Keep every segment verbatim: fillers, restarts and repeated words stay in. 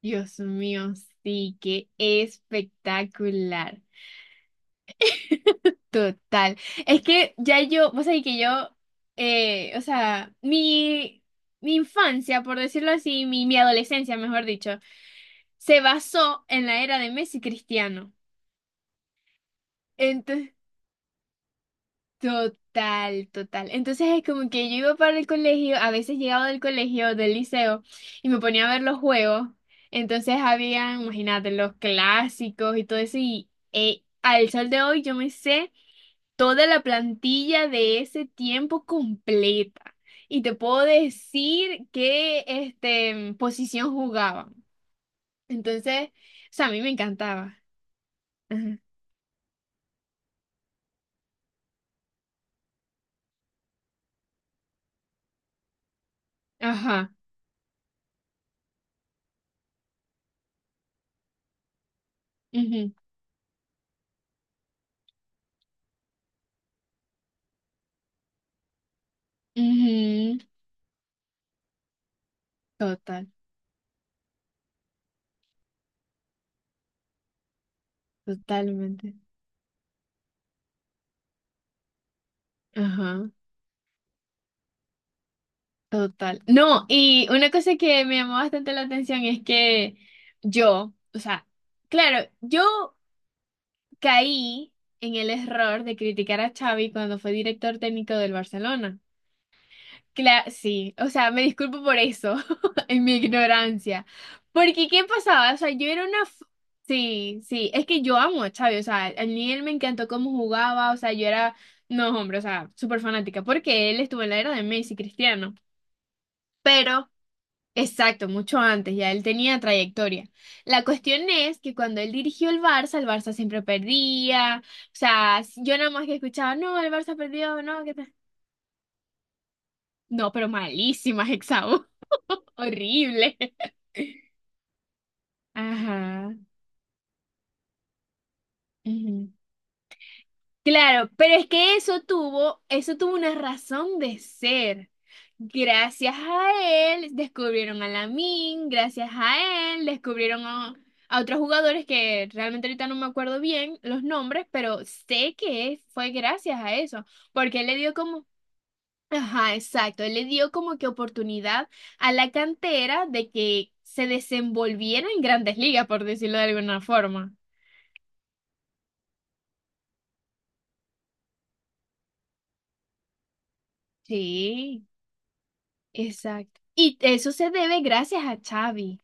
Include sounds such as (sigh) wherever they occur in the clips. Dios mío, sí, qué espectacular. (laughs) Total. Es que ya yo, vos sabés que yo, eh, o sea, mi, mi infancia, por decirlo así, mi, mi adolescencia, mejor dicho, se basó en la era de Messi y Cristiano. Total, total. Entonces es como que yo iba para el colegio, a veces llegaba del colegio, del liceo, y me ponía a ver los juegos. Entonces habían, imagínate, los clásicos y todo eso. Y eh, al sol de hoy yo me sé toda la plantilla de ese tiempo completa. Y te puedo decir qué este, posición jugaban. Entonces, o sea, a mí me encantaba. Ajá. Ajá. Ujú, ujú. Total, totalmente. Ajá, total. No, y una cosa que me llamó bastante la atención es que yo, o sea, claro, yo caí en el error de criticar a Xavi cuando fue director técnico del Barcelona. Cla- sí, o sea, me disculpo por eso, (laughs) en mi ignorancia. Porque, ¿qué pasaba? O sea, yo era una... f- Sí, sí, es que yo amo a Xavi, o sea, a mí él me encantó cómo jugaba, o sea, yo era, no, hombre, o sea, súper fanática, porque él estuvo en la era de Messi, Cristiano. pero Exacto, mucho antes, ya él tenía trayectoria. La cuestión es que cuando él dirigió el Barça, el Barça siempre perdía. O sea, s- yo nada más que escuchaba, no, el Barça perdió, no, ¿qué tal? No, pero malísimas, Hexau. (laughs) Horrible. Ajá. Claro, pero es que eso tuvo, eso tuvo una razón de ser. Gracias a él descubrieron a Lamin, gracias a él descubrieron a, a otros jugadores que realmente ahorita no me acuerdo bien los nombres, pero sé que fue gracias a eso, porque él le dio como, ajá, exacto, él le dio como que oportunidad a la cantera de que se desenvolviera en grandes ligas, por decirlo de alguna forma. Sí. Exacto. Y eso se debe gracias a Xavi.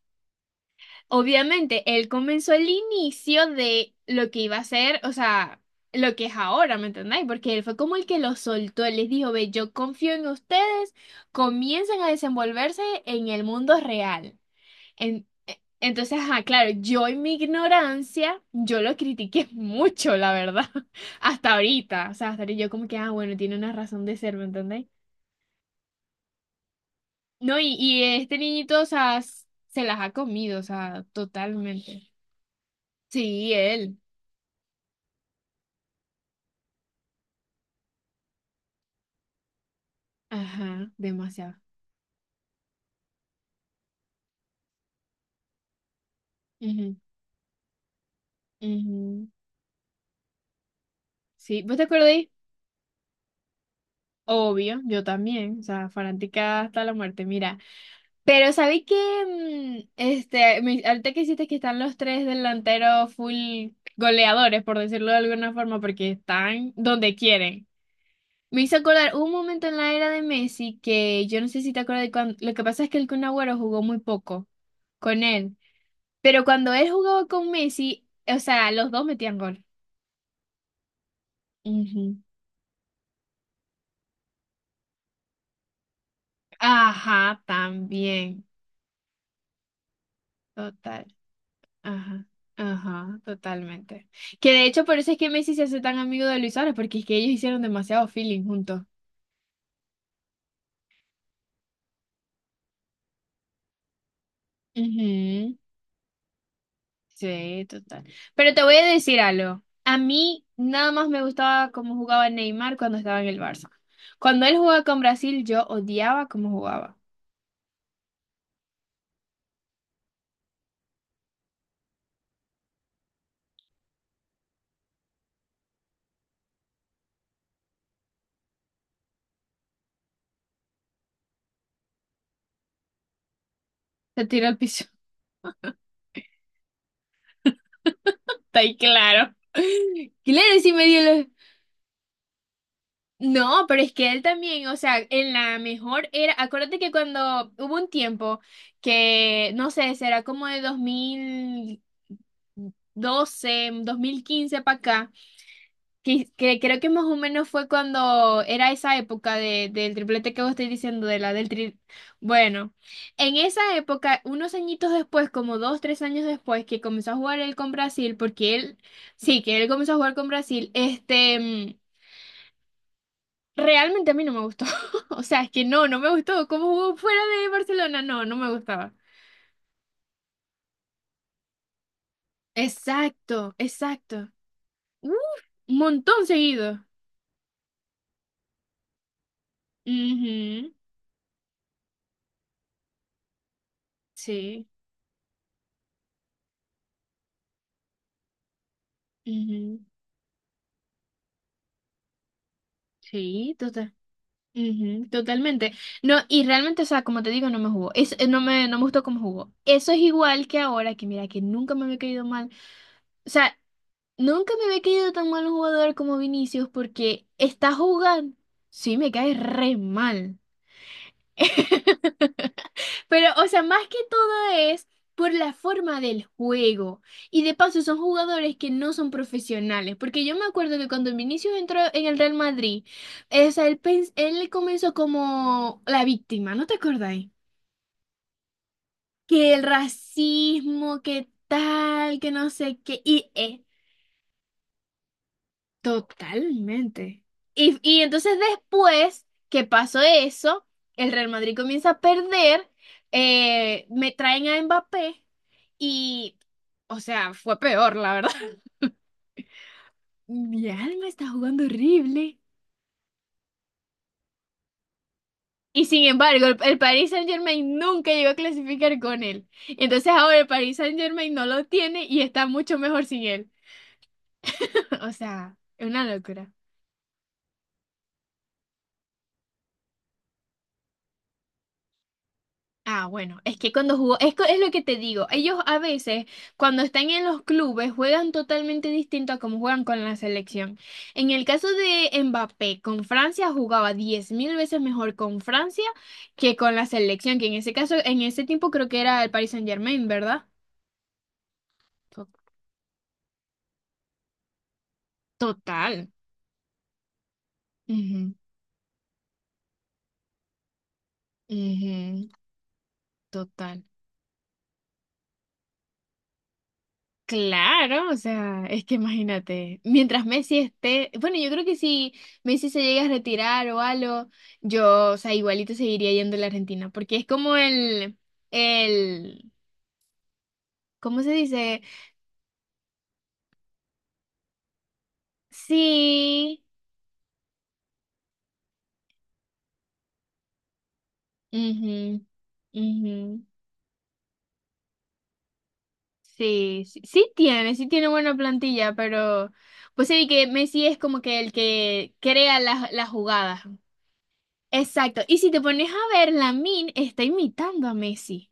Obviamente, él comenzó el inicio de lo que iba a ser, o sea, lo que es ahora, ¿me entendéis? Porque él fue como el que lo soltó, él les dijo, ve, yo confío en ustedes, comiencen a desenvolverse en el mundo real. En- e- entonces, ajá, claro, yo en mi ignorancia, yo lo critiqué (laughs) mucho, la verdad, (laughs) hasta ahorita, o sea, hasta ahorita yo como que, ah, bueno, tiene una razón de ser, ¿me entendéis? No, y, y este niñito, o sea, s- se las ha comido, o sea, totalmente. Sí, él. Ajá, demasiado. Ujú, ujú. Sí, ¿vos te acordáis? Obvio, yo también, o sea, fanática hasta la muerte, mira. Pero ¿sabéis que mm, este, me- ahorita que hiciste que están los tres delanteros full goleadores, por decirlo de alguna forma, porque están donde quieren. Me hizo acordar hubo un momento en la era de Messi que yo no sé si te acuerdas de cuando. Lo que pasa es que el Kun Agüero jugó muy poco con él. Pero cuando él jugaba con Messi, o sea, los dos metían gol. Ujú. Ajá, también. Total. Ajá. Ajá, totalmente. Que de hecho por eso es que Messi se hace tan amigo de Luis Suárez, porque es que ellos hicieron demasiado feeling juntos. Ujú. Sí, total. Pero te voy a decir algo. A mí nada más me gustaba cómo jugaba Neymar cuando estaba en el Barça. Cuando él jugaba con Brasil, yo odiaba cómo jugaba. Se tiró al piso. (laughs) Está ahí claro. (laughs) Claro, sí me dio los... No, pero es que él también, o sea, en la mejor era... Acuérdate que cuando hubo un tiempo que, no sé, será como de dos dos mil doce dos mil quince para acá. Que, que creo que más o menos fue cuando era esa época de, del triplete que vos estoy diciendo, de la del tri... Bueno, en esa época, unos añitos después, como dos, tres años después, que comenzó a jugar él con Brasil, porque él, sí, que él comenzó a jugar con Brasil, este, mm, realmente a mí no me gustó. (laughs) O sea, es que no, no me gustó. ¿Cómo jugó fuera de Barcelona? No, no me gustaba. Exacto, exacto. Uf, un montón seguido. Ujú, sí, ujú, sí, total. Ujú, totalmente. No, y realmente, o sea, como te digo, no me jugó. Es, eh, no me, no me gustó cómo jugó. Eso es igual que ahora, que mira, que nunca me había caído mal. O sea, nunca me había caído tan mal un jugador como Vinicius porque está jugando. Sí, me cae re mal. (laughs) Pero, o sea, más que todo es por la forma del juego. Y de paso, son jugadores que no son profesionales. Porque yo me acuerdo que cuando Vinicius entró en el Real Madrid, eh, o sea, él, pens- él comenzó como la víctima, ¿no te acordáis? Que el racismo, que tal, que no sé qué. Y eh, Totalmente. Y, y entonces después que pasó eso, el Real Madrid comienza a perder, eh, me traen a Mbappé y, o sea, fue peor, la verdad. (laughs) Mi alma está jugando horrible. Y sin embargo, el, el Paris Saint-Germain nunca llegó a clasificar con él. Entonces ahora el Paris Saint-Germain no lo tiene y está mucho mejor sin él. (laughs) O sea, es una locura. Ah, bueno, es que cuando jugó, es, co- es lo que te digo, ellos a veces cuando están en los clubes juegan totalmente distinto a como juegan con la selección. En el caso de Mbappé, con Francia jugaba diez mil veces mejor con Francia que con la selección, que en ese caso, en ese tiempo creo que era el Paris Saint-Germain, ¿verdad? To- Total. Ujú, ujú. Total. Claro, o sea, es que imagínate, mientras Messi esté, bueno, yo creo que si Messi se llega a retirar o algo, yo, o sea, igualito seguiría yendo a la Argentina, porque es como el, el, ¿cómo se dice? Sí, mhm, mhm, sí, sí, sí tiene, sí tiene buena plantilla, pero pues sí que Messi es como que el que crea las, las jugadas. Exacto, y si te pones a ver, Min está imitando a Messi.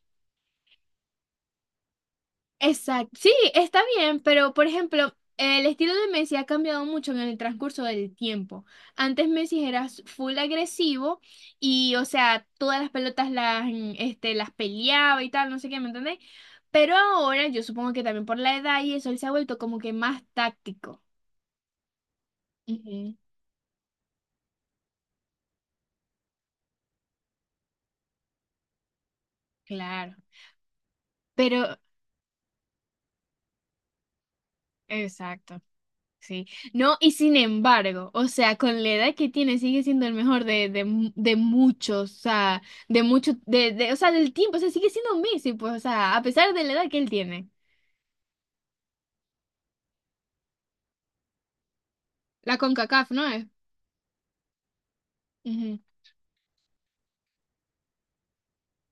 Exacto. Sí, está bien, pero por ejemplo, el estilo de Messi ha cambiado mucho en el transcurso del tiempo. Antes Messi era s- full agresivo y, o sea, todas las pelotas las, mm, este, las peleaba y tal, no sé qué, ¿me entendéis? Pero ahora yo supongo que también por la edad y eso, él se ha vuelto como que más táctico. Ujú, claro. Pero, exacto. Sí, no, y sin embargo, o sea, con la edad que tiene sigue siendo el mejor de, de, mu- de muchos, o sea, de mucho, de, de, o sea, del tiempo, o sea, sigue siendo Messi, pues, o sea, a pesar de la edad que él tiene. La CONCACAF, ¿no es? Ujú,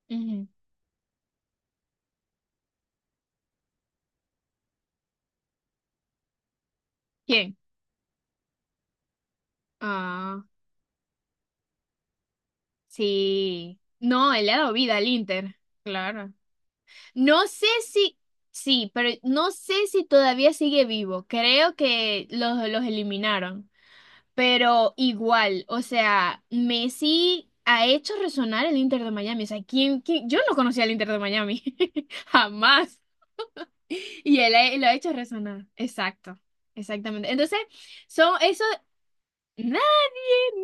ujú. ¿Quién? Ah, sí. No, él le ha dado vida al Inter, claro. No sé si, sí, pero no sé si todavía sigue vivo, creo que los, los eliminaron. Pero igual, o sea, Messi ha hecho resonar el Inter de Miami. O sea, ¿quién, quién? Yo no conocía al Inter de Miami. (laughs) Jamás. Y él ha- lo ha hecho resonar. Exacto. Exactamente. Entonces, son eso. Nadie,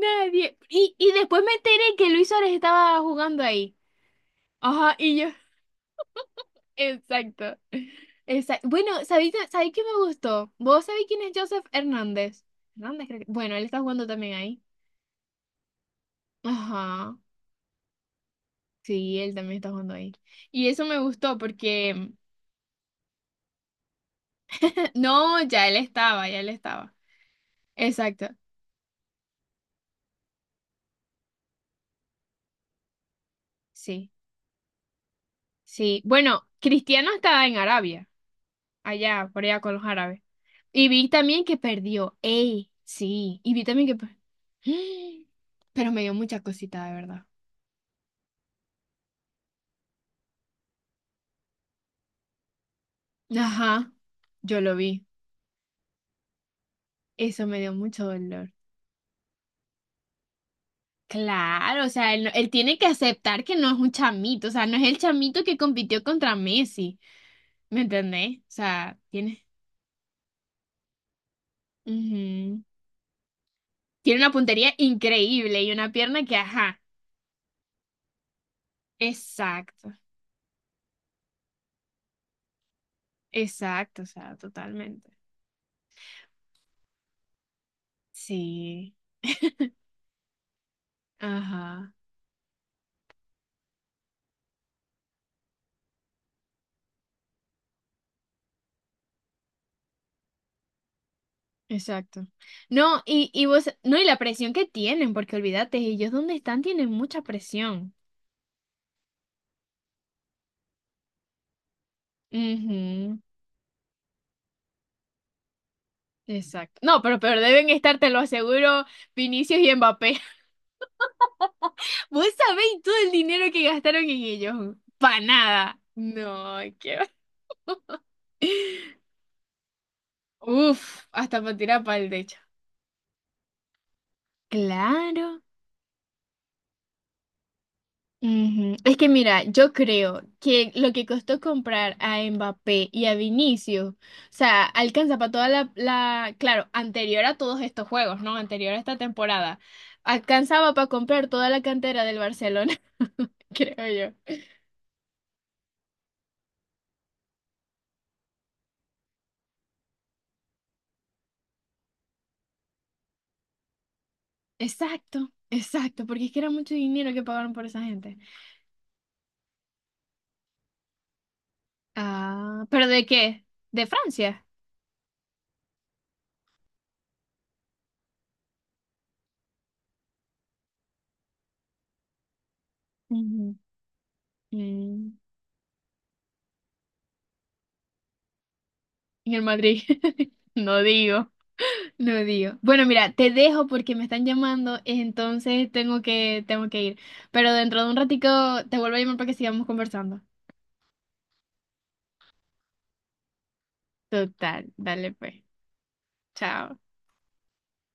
nadie. Y, y después me enteré que Luis Suárez estaba jugando ahí. Ajá, y yo. (laughs) Exacto. Exacto. Bueno, ¿sabéis, sabéis qué me gustó? ¿Vos sabéis quién es Joseph Hernández? Hernández, creo que. Bueno, él está jugando también ahí. Ajá. Sí, él también está jugando ahí. Y eso me gustó porque... (laughs) No, ya él estaba, ya él estaba. Exacto. Sí, sí. Bueno, Cristiano estaba en Arabia, allá, por allá con los árabes. Y vi también que perdió. Ey, sí. Y vi también que... per- (gasps) Pero me dio mucha cosita, de verdad. Ajá, yo lo vi. Eso me dio mucho dolor. Claro, o sea, él, no- él tiene que aceptar que no es un chamito, o sea, no es el chamito que compitió contra Messi. ¿Me entendés? O sea, tiene, ujú. Tiene una puntería increíble y una pierna que, ajá, exacto, exacto, o sea, totalmente. Sí, ajá, exacto. No, y, y vos, no, y la presión que tienen, porque olvídate, ellos donde están tienen mucha presión. Ujú, exacto. No, pero, pero deben estar, te lo aseguro, Vinicius y Mbappé. (laughs) Vos sabéis todo el dinero que gastaron en ellos. Pa nada. No, qué uf, hasta para tirar para el techo. Claro. Ujú. Es que mira, yo creo que lo que costó comprar a Mbappé y a Vinicius, o sea, alcanza para toda la, la, claro, anterior a todos estos juegos, ¿no? Anterior a esta temporada, alcanzaba para comprar toda la cantera del Barcelona, (laughs) creo yo. Exacto, exacto, porque es que era mucho dinero que pagaron por esa gente. Ah, ¿pero de qué? ¿De Francia? Ujú. Mm, En el Madrid, (laughs) no digo. No digo. Bueno, mira, te dejo porque me están llamando, entonces tengo que, tengo que ir. Pero dentro de un ratico te vuelvo a llamar para que sigamos conversando. Total, dale pues. Chao.